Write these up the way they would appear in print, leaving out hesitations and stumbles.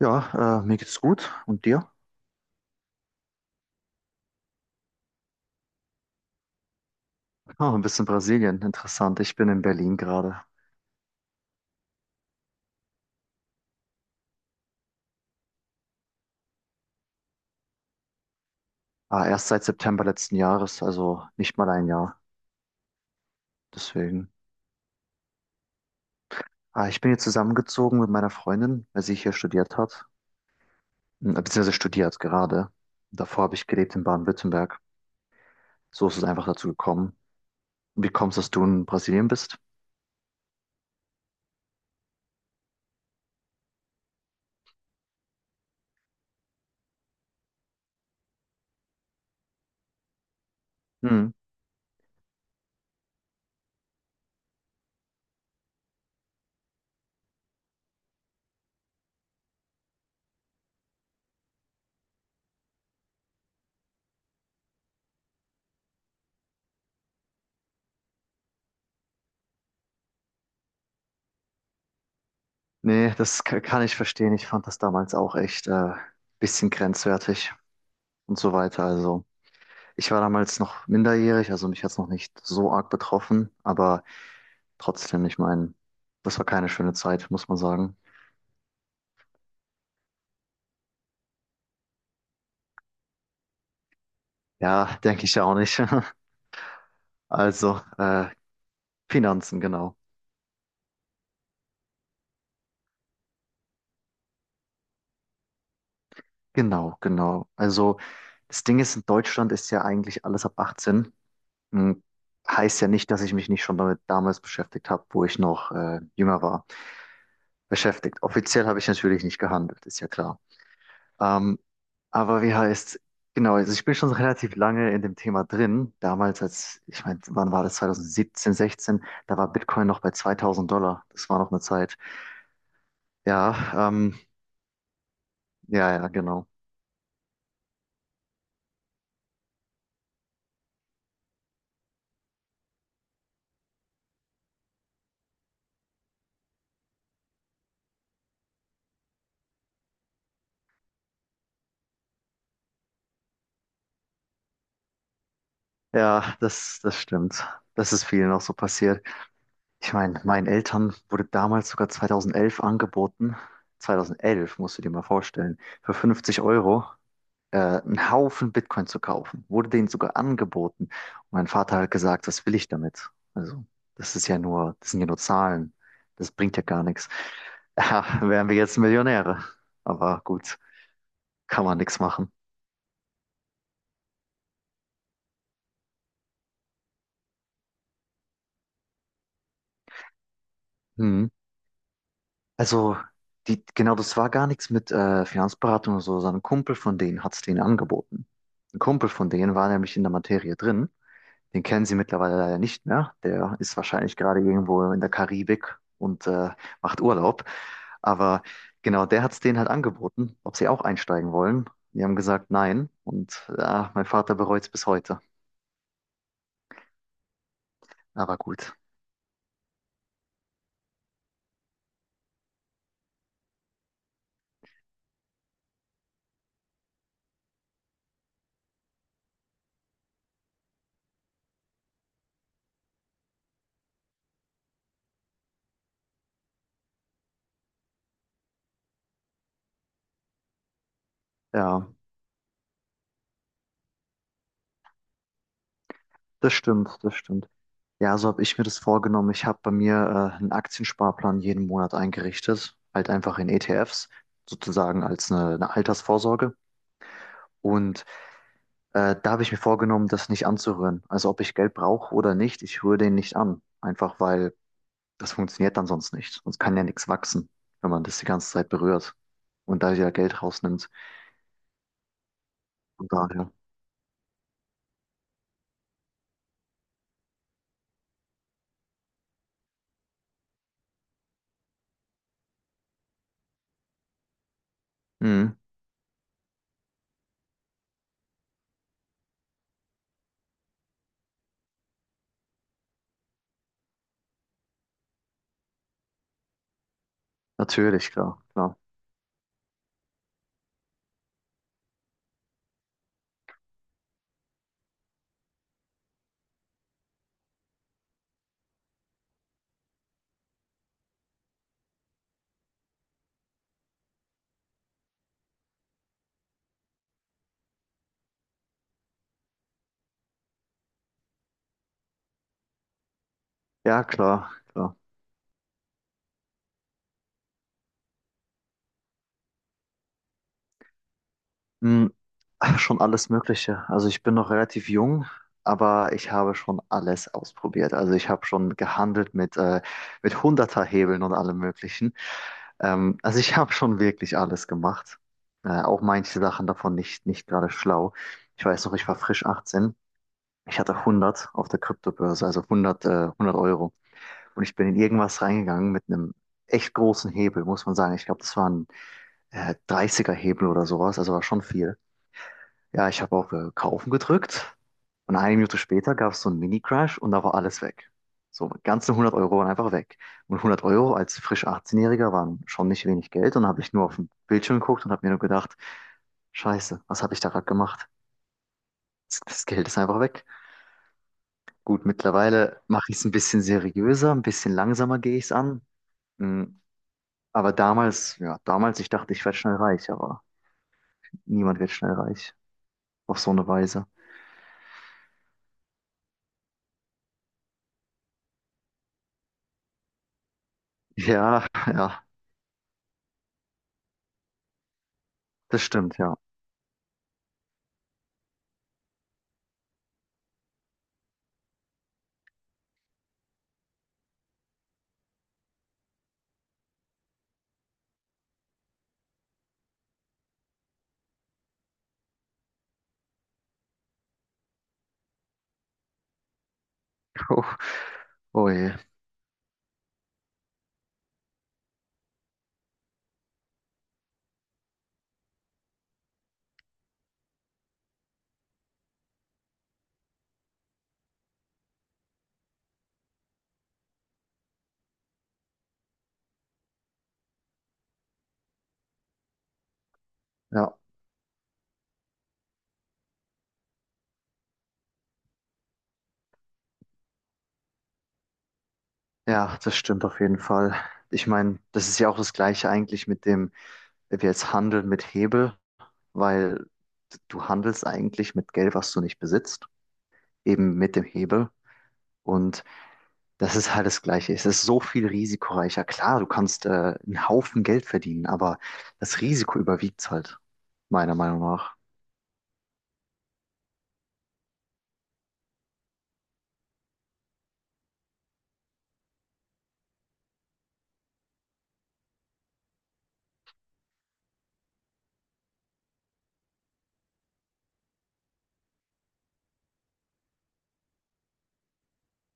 Ja, mir geht's gut. Und dir? Ah, ein bisschen Brasilien. Interessant. Ich bin in Berlin gerade. Ah, erst seit September letzten Jahres, also nicht mal ein Jahr. Deswegen. Ah, ich bin hier zusammengezogen mit meiner Freundin, weil sie hier studiert hat. Beziehungsweise studiert gerade. Davor habe ich gelebt in Baden-Württemberg. So ist es einfach dazu gekommen. Wie kommst du, dass du in Brasilien bist? Hm. Nee, das kann ich verstehen. Ich fand das damals auch echt bisschen grenzwertig und so weiter. Also. Ich war damals noch minderjährig, also mich hat es noch nicht so arg betroffen, aber trotzdem, ich meine, das war keine schöne Zeit, muss man sagen. Ja, denke ich ja auch nicht. Also, Finanzen, genau. Genau, genau. Also, das Ding ist, in Deutschland ist ja eigentlich alles ab 18. Hm, Heißt ja nicht, dass ich mich nicht schon damit damals beschäftigt habe, wo ich noch jünger war. Beschäftigt. Offiziell habe ich natürlich nicht gehandelt, ist ja klar. Ähm, aber wie heißt, genau, also ich bin schon relativ lange in dem Thema drin. Damals, als, ich meine, wann war das? 2017, 16, da war Bitcoin noch bei 2000 Dollar. Das war noch eine Zeit. Ja, ähm, ja, ja, genau. Ja, das stimmt. Das ist vielen auch so passiert. Ich meine, meinen Eltern wurde damals sogar 2011 angeboten. 2011, musst du dir mal vorstellen, für 50 Euro einen Haufen Bitcoin zu kaufen. Wurde denen sogar angeboten. Und mein Vater hat gesagt, was will ich damit? Also, das sind ja nur Zahlen. Das bringt ja gar nichts. Ja, wären wir jetzt Millionäre. Aber gut, kann man nichts machen. Hm. Also, die, genau, das war gar nichts mit Finanzberatung oder so, sondern ein Kumpel von denen hat es denen angeboten. Ein Kumpel von denen war nämlich in der Materie drin. Den kennen Sie mittlerweile leider nicht mehr. Der ist wahrscheinlich gerade irgendwo in der Karibik und macht Urlaub. Aber genau, der hat es denen halt angeboten, ob sie auch einsteigen wollen. Die haben gesagt, nein. Und ja, mein Vater bereut es bis heute. Aber gut. Ja, das stimmt, das stimmt. Ja, so habe ich mir das vorgenommen. Ich habe bei mir einen Aktiensparplan jeden Monat eingerichtet, halt einfach in ETFs, sozusagen als eine Altersvorsorge. Und da habe ich mir vorgenommen, das nicht anzurühren. Also ob ich Geld brauche oder nicht, ich rühre den nicht an. Einfach weil das funktioniert dann sonst nicht. Sonst kann ja nichts wachsen, wenn man das die ganze Zeit berührt und da ja Geld rausnimmt. Von daher. Mhm. Natürlich, klar, klar. Ja, klar, klar. Mhm. Schon alles Mögliche. Also ich bin noch relativ jung, aber ich habe schon alles ausprobiert. Also ich habe schon gehandelt mit Hunderterhebeln und allem Möglichen. Also ich habe schon wirklich alles gemacht. Auch manche Sachen davon nicht gerade schlau. Ich weiß noch, ich war frisch 18. Ich hatte 100 auf der Kryptobörse, also 100, 100 Euro. Und ich bin in irgendwas reingegangen mit einem echt großen Hebel, muss man sagen. Ich glaube, das war ein 30er Hebel oder sowas, also war schon viel. Ja, ich habe auf Kaufen gedrückt und eine Minute später gab es so einen Mini-Crash und da war alles weg. So, ganze 100 Euro waren einfach weg. Und 100 Euro als frisch 18-Jähriger waren schon nicht wenig Geld und habe ich nur auf den Bildschirm geguckt und habe mir nur gedacht, Scheiße, was habe ich da gerade gemacht? Das Geld ist einfach weg. Gut, mittlerweile mache ich es ein bisschen seriöser, ein bisschen langsamer gehe ich es an. Mm, aber damals, ja, damals, ich dachte, ich werde schnell reich, aber niemand wird schnell reich auf so eine Weise. Ja, ja, das stimmt, ja. Oh je. Ja, ja, das stimmt auf jeden Fall. Ich meine, das ist ja auch das Gleiche eigentlich mit dem, wenn wir jetzt handeln mit Hebel, weil du handelst eigentlich mit Geld, was du nicht besitzt, eben mit dem Hebel. Und das ist halt das Gleiche. Es ist so viel risikoreicher. Klar, du kannst einen Haufen Geld verdienen, aber das Risiko überwiegt halt, meiner Meinung nach.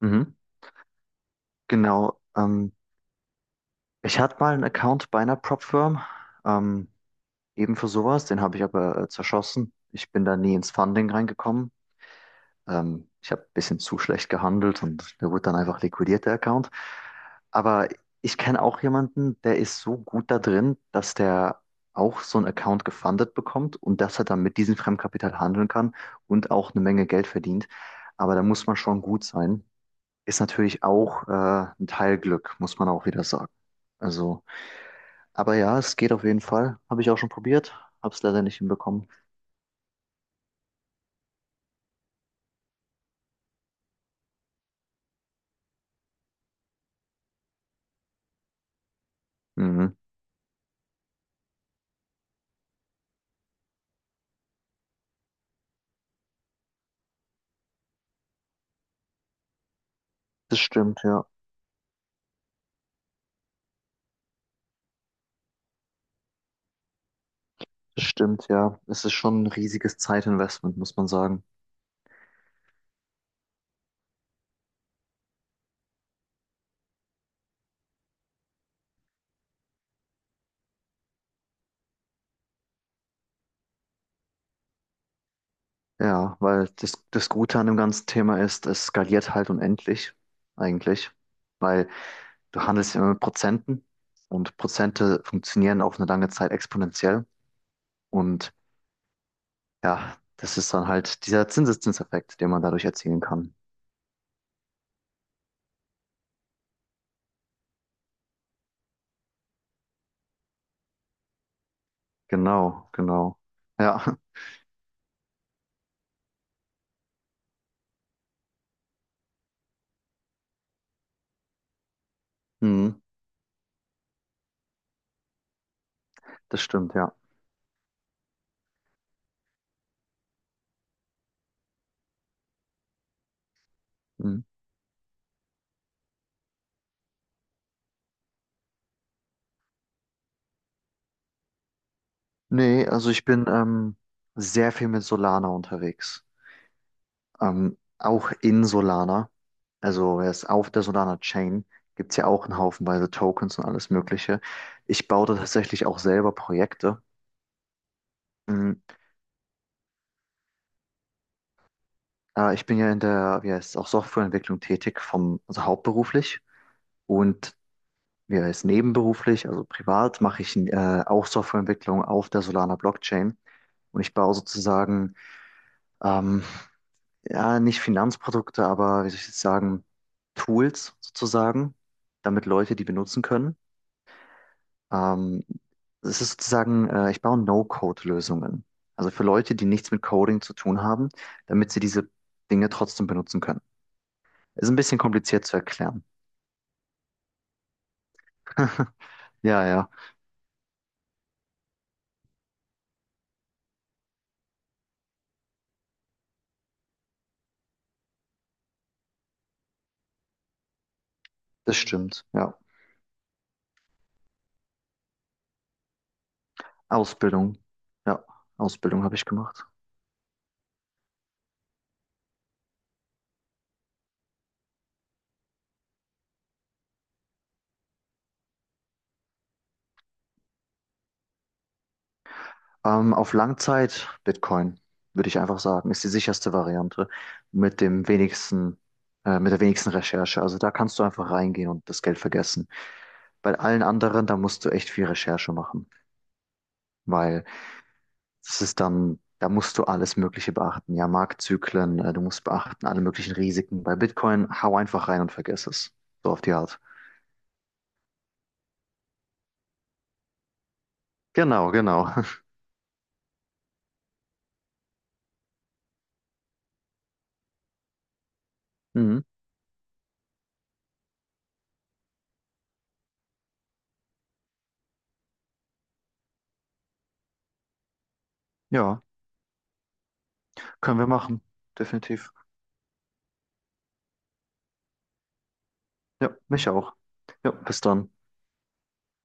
Mhm. Genau. Ich hatte mal einen Account bei einer Prop-Firm. Ähm, Eben für sowas, den habe ich aber zerschossen. Ich bin da nie ins Funding reingekommen. Ich habe ein bisschen zu schlecht gehandelt und der wurde dann einfach liquidiert, der Account. Aber ich kenne auch jemanden, der ist so gut da drin, dass der auch so einen Account gefundet bekommt und dass er dann mit diesem Fremdkapital handeln kann und auch eine Menge Geld verdient. Aber da muss man schon gut sein. Ist natürlich auch ein Teil Glück, muss man auch wieder sagen. Also, aber ja, es geht auf jeden Fall. Habe ich auch schon probiert, habe es leider nicht hinbekommen. Mhm. Das stimmt, ja. Das stimmt, ja. Es ist schon ein riesiges Zeitinvestment, muss man sagen. Ja, weil das Gute an dem ganzen Thema ist, es skaliert halt unendlich, eigentlich. Weil du handelst immer mit Prozenten und Prozente funktionieren auf eine lange Zeit exponentiell. Und ja, das ist dann halt dieser Zinseszinseffekt, den man dadurch erzielen kann. Genau, genau. Ja, mhm. Das stimmt, ja. Mhm. Nee, also ich bin sehr viel mit Solana unterwegs. Auch in Solana, also erst auf der Solana Chain, gibt es ja auch einen Haufenweise Tokens und alles Mögliche. Ich baue da tatsächlich auch selber Projekte. Mhm. Ich bin ja in der, wie heißt es, auch Softwareentwicklung tätig, vom, also hauptberuflich und wie heißt es, nebenberuflich, also privat, mache ich auch Softwareentwicklung auf der Solana Blockchain. Und ich baue sozusagen, ähm, ja, nicht Finanzprodukte, aber wie soll ich jetzt sagen, Tools sozusagen, damit Leute die benutzen können. Ähm, es ist sozusagen, ich baue No-Code-Lösungen. Also für Leute, die nichts mit Coding zu tun haben, damit sie diese Dinge trotzdem benutzen können. Ist ein bisschen kompliziert zu erklären. Ja, ja, das stimmt. Ja. Ausbildung. Ja, Ausbildung habe ich gemacht. Auf Langzeit Bitcoin, würde ich einfach sagen, ist die sicherste Variante mit dem wenigsten, mit der wenigsten Recherche. Also da kannst du einfach reingehen und das Geld vergessen. Bei allen anderen, da musst du echt viel Recherche machen, weil das ist dann, da musst du alles Mögliche beachten. Ja, Marktzyklen, du musst beachten alle möglichen Risiken. Bei Bitcoin, hau einfach rein und vergiss es. So auf die Art. Genau, genau. Mhm. Ja, können wir machen. Definitiv. Ja, mich auch. Ja, bis dann.